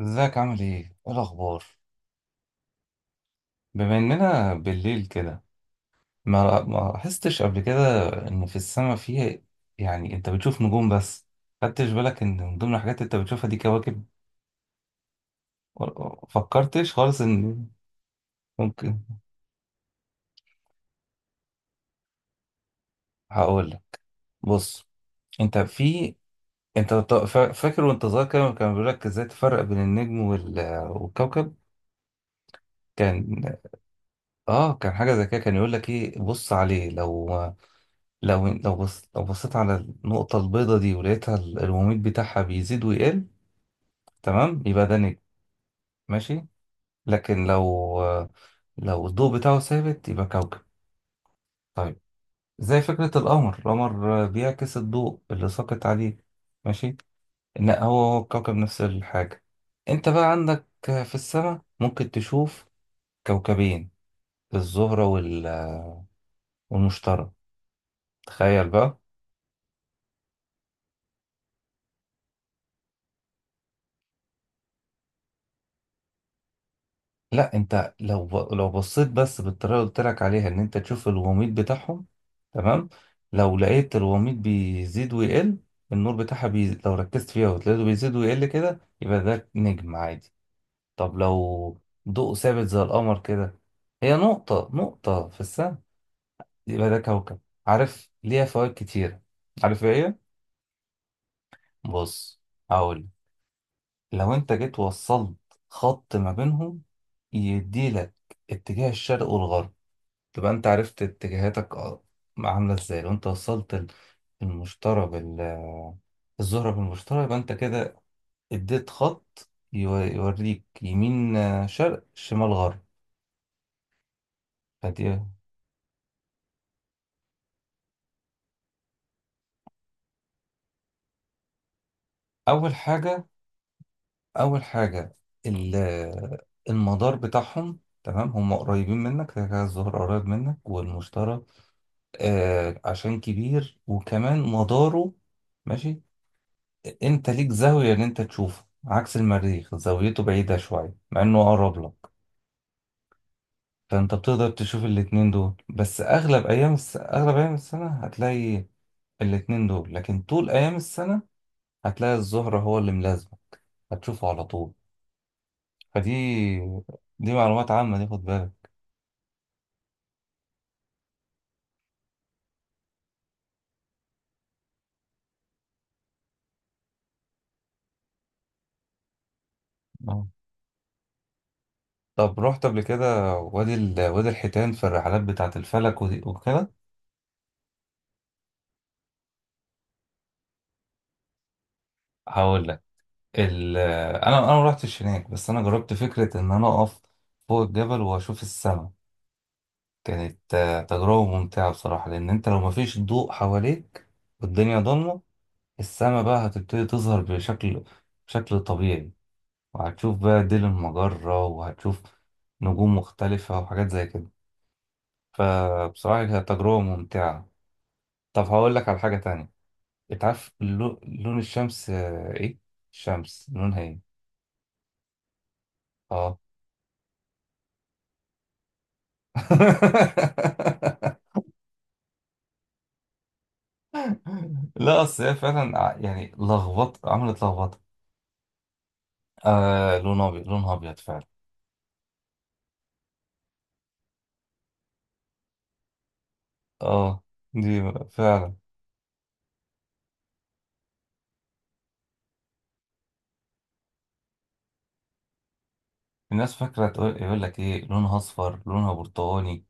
ازيك؟ عامل ايه؟ ايه الأخبار؟ بما إننا بالليل كده، ما لاحظتش قبل كده إن في السماء فيه، يعني أنت بتشوف نجوم بس. خدتش بالك إن من ضمن الحاجات اللي أنت بتشوفها دي كواكب؟ فكرتش خالص إن ممكن؟ هقول لك. بص، أنت في فاكر وأنت صغير كده كان بيقول لك إزاي تفرق بين النجم والكوكب؟ كان آه كان حاجة زي كده، كان يقول لك إيه، بص عليه، لو لو لو بص لو بصيت على النقطة البيضة دي ولقيتها الوميض بتاعها بيزيد ويقل، تمام، يبقى ده نجم. ماشي؟ لكن لو الضوء بتاعه ثابت يبقى كوكب. طيب، زي فكرة القمر، القمر بيعكس الضوء اللي ساقط عليه، ماشي؟ إن هو الكوكب نفس الحاجة. أنت بقى عندك في السماء ممكن تشوف كوكبين، الزهرة والمشتري. تخيل بقى. لا انت لو لو بصيت بس بالطريقه اللي قلت لك عليها ان انت تشوف الوميض بتاعهم، تمام، لو لقيت الوميض بيزيد ويقل، النور بتاعها لو ركزت فيها وتلاقيته بيزيد ويقل كده، يبقى ده نجم عادي. طب لو ضوء ثابت زي القمر كده، هي نقطه في السماء، يبقى ده كوكب. عارف ليها فوائد كتيره؟ عارف ايه هي؟ بص، هقول. لو انت جيت وصلت خط ما بينهم، يديلك اتجاه الشرق والغرب، تبقى انت عرفت اتجاهاتك. اه، عاملة ازاي؟ لو انت وصلت ال- المشترى بال الزهرة بالمشترى، يبقى انت كده اديت خط يوريك يمين، شرق شمال غرب. فدي اول حاجة اول حاجة، المدار بتاعهم، تمام، هم قريبين منك كده كده، الزهر قريب منك، والمشترى آه عشان كبير وكمان مداره. ماشي، انت ليك زاوية ان انت تشوفه عكس المريخ، زاويته بعيدة شوية مع انه اقرب لك. فانت بتقدر تشوف الاتنين دول، بس اغلب ايام السنة هتلاقي الاتنين دول، لكن طول ايام السنة هتلاقي الزهرة هو اللي ملازمة، هتشوفه على طول. فدي دي معلومات عامة، دي خد بالك. اه. طب رحت قبل كده وادي الحيتان في الرحلات بتاعة الفلك ودي وكده؟ هقول لك. ال... انا انا ما رحتش هناك، بس انا جربت فكرة ان انا اقف فوق الجبل واشوف السماء. كانت تجربة ممتعة بصراحة، لأن أنت لو مفيش ضوء حواليك والدنيا ضلمة، السما بقى هتبتدي تظهر بشكل طبيعي، وهتشوف بقى ديل المجرة، وهتشوف نجوم مختلفة وحاجات زي كده. فبصراحة كانت تجربة ممتعة. طب هقول لك على حاجة تانية. أنت عارف لون الشمس إيه؟ الشمس لونها إيه؟ آه. لا أصل هي فعلا يعني لخبط، عملت لخبطة. آه لون أبيض، لونها أبيض فعلا. اه، دي بقى فعلا. الناس فاكرة، تقول يقول لك ايه لونها اصفر، لونها برتقاني،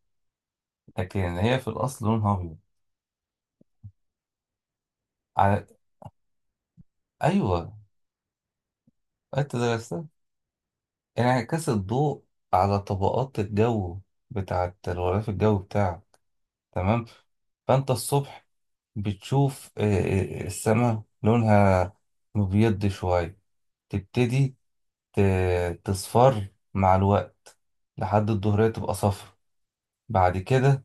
لكن هي في الاصل لونها ابيض. على... ايوه انت درستها، انعكاس الضوء على طبقات الجو بتاعت الغلاف الجوي بتاعك، تمام. فانت الصبح بتشوف السماء لونها مبيض شوية، تبتدي تصفر مع الوقت، لحد الظهرية تبقى صفر، بعد كده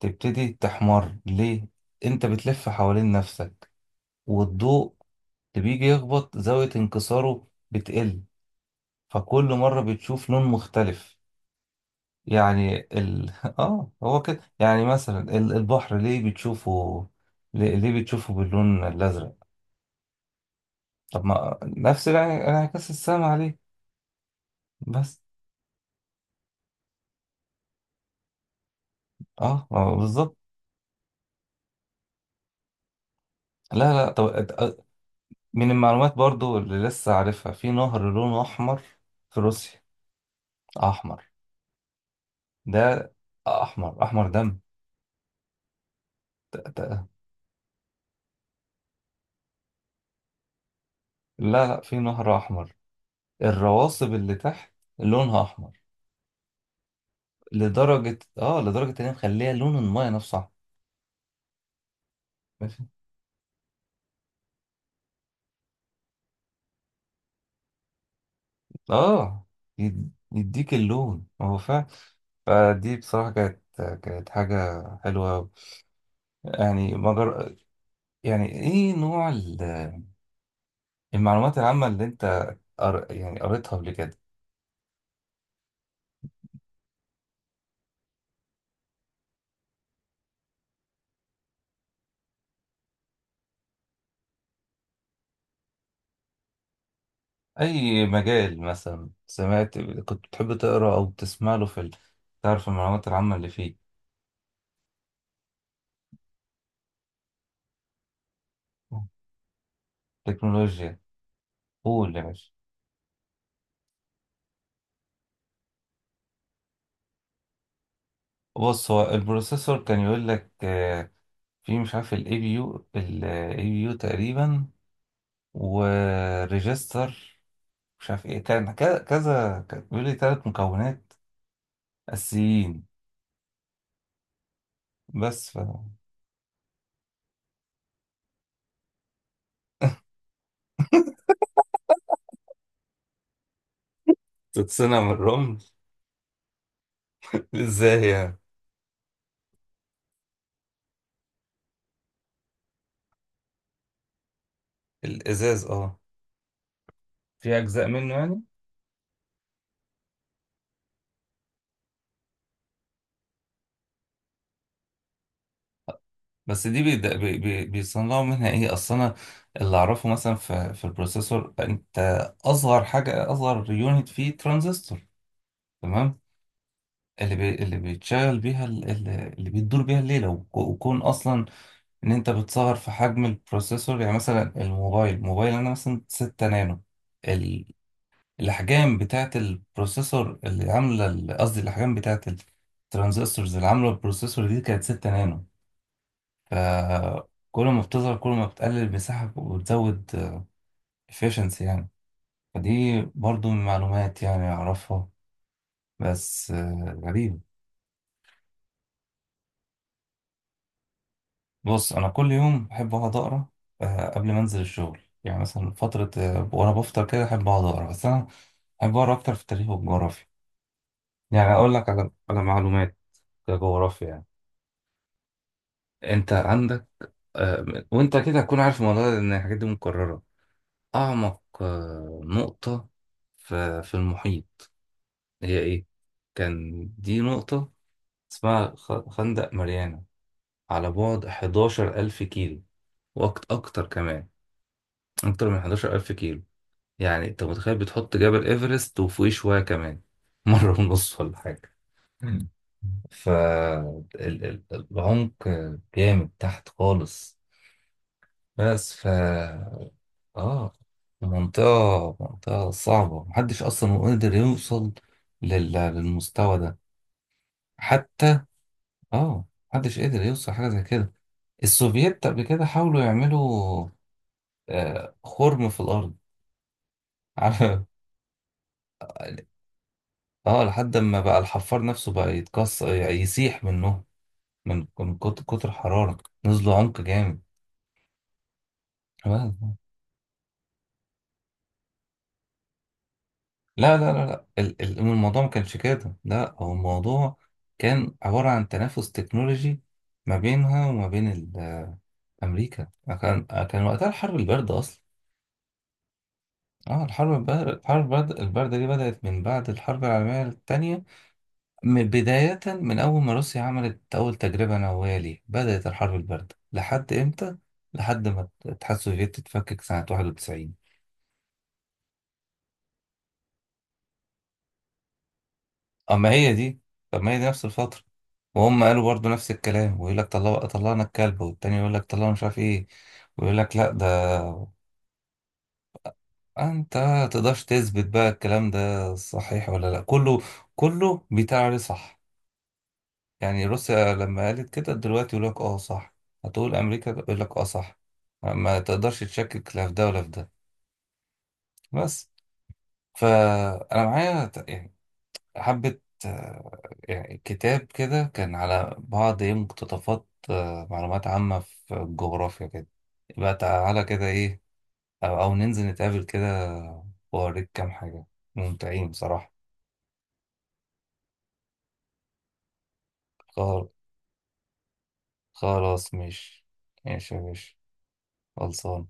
تبتدي تحمر. ليه؟ انت بتلف حوالين نفسك، والضوء اللي بيجي يخبط زاوية انكساره بتقل، فكل مرة بتشوف لون مختلف. يعني ال... اه هو كده. يعني مثلا البحر ليه بتشوفه، ليه بتشوفه باللون الأزرق؟ طب ما نفس انعكاس السما عليه بس. اه بالظبط. لا لا طب أت- من المعلومات برضو اللي لسه عارفها، في نهر لونه أحمر في روسيا. أحمر ده، احمر احمر دم. ت- ت- لا لا، في نهر احمر، الرواسب اللي تحت لونها احمر، لدرجه اه لدرجه ان هي مخليها لون المايه نفسه احمر. ماشي. اه، يديك اللون هو فعلا. فدي بصراحه كانت حاجه حلوه أوي. يعني مجر... يعني ايه نوع المعلومات العامه اللي انت يعني قريتها قبل كده؟ اي مجال مثلا سمعت كنت بتحب تقرا او تسمع له في ال...، تعرف المعلومات العامه اللي فيه؟ تكنولوجيا. قول يا باشا. بص، هو البروسيسور كان يقول لك في مش عارف الاي بي يو، الاي بي يو تقريبا وريجستر مش عارف ايه، كان كذا كذا، كان بيقول لي ثلاث مكونات اساسيين. بس، فتتصنع من الرمل. ازاي يعني؟ الازاز اه، في اجزاء منه يعني. بس دي بيد- بي بي بيصنعوا منها ايه؟ اصل انا اللي اعرفه مثلا في البروسيسور، انت اصغر حاجه، اصغر يونت فيه ترانزستور، تمام، اللي بيتشغل بيها اللي بيدور بيها الليلة وكون أصلا إن أنت بتسهر في حجم البروسيسور. يعني مثلا الموبايل، الموبايل أنا مثلا 6 نانو، ال... الأحجام بتاعة البروسيسور اللي عاملة قصدي الأحجام بتاعة الترانزستورز اللي عاملة البروسيسور دي كانت 6 نانو. فكل ما بتظهر كل ما بتقلل المساحة وبتزود efficiency يعني. فدي برضو من معلومات يعني أعرفها، بس غريبة. بص انا كل يوم بحب اقعد اقرا، قبل ما انزل الشغل، يعني مثلا فتره وانا بفطر كده احب اقعد اقرا، بس انا بحب اقرا اكتر في التاريخ والجغرافيا. يعني اقول لك على معلومات جغرافيا يعني. انت عندك آه، وانت كده هتكون عارف الموضوع ده لان الحاجات دي مكرره. اعمق نقطه في المحيط هي ايه؟ كان دي نقطه اسمها خندق ماريانا، على بعد 11,000 كيلو وأكتر كمان، أكتر من 11,000 كيلو. يعني انت متخيل بتحط جبل ايفرست وفوقيه شوية كمان، مرة ونص ولا حاجة. مم. فالعمق جامد تحت خالص. بس ف اه، منطقة صعبة، محدش أصلا قدر يوصل للمستوى ده حتى. اه، محدش قدر يوصل حاجة زي كده. السوفييت قبل كده حاولوا يعملوا آه خرم في الأرض. عارف، اه، لحد ما بقى الحفار نفسه بقى يتكسر يسيح منه من كتر حرارة. نزلوا عمق جامد. لا لا. الموضوع ما كانش كده، لا هو الموضوع كان عبارة عن تنافس تكنولوجي ما بينها وما بين أمريكا. كان وقتها الحرب الباردة أصلا. اه الحرب الباردة، الحرب الباردة دي بدأت من بعد الحرب العالمية التانية، بداية من أول ما روسيا عملت أول تجربة نووية. ليه بدأت الحرب الباردة؟ لحد إمتى؟ لحد ما الاتحاد السوفيتي اتفكك سنة 91. أما هي دي، طب ما هي دي نفس الفترة، وهم قالوا برضو نفس الكلام، ويقول لك طلعوا، طلعنا الكلب، والتاني يقول لك طلعوا مش عارف إيه، ويقول لك لأ ده. أنت متقدرش تثبت بقى الكلام ده صحيح ولا لأ، كله كله بيتعري، صح؟ يعني روسيا لما قالت كده دلوقتي يقول لك اه صح، هتقول امريكا يقول لك اه صح، ما تقدرش تشكك لا في ده ولا في ده. بس، فانا معايا يعني حبة آه، يعني كتاب كده كان على بعض ايه، مقتطفات معلومات عامة في الجغرافيا كده. يبقى تعالى كده ايه، أو ننزل نتقابل كده واوريك كام حاجة ممتعين بصراحة. خل- خلاص ماشي، ماشي يا باشا. خلصان.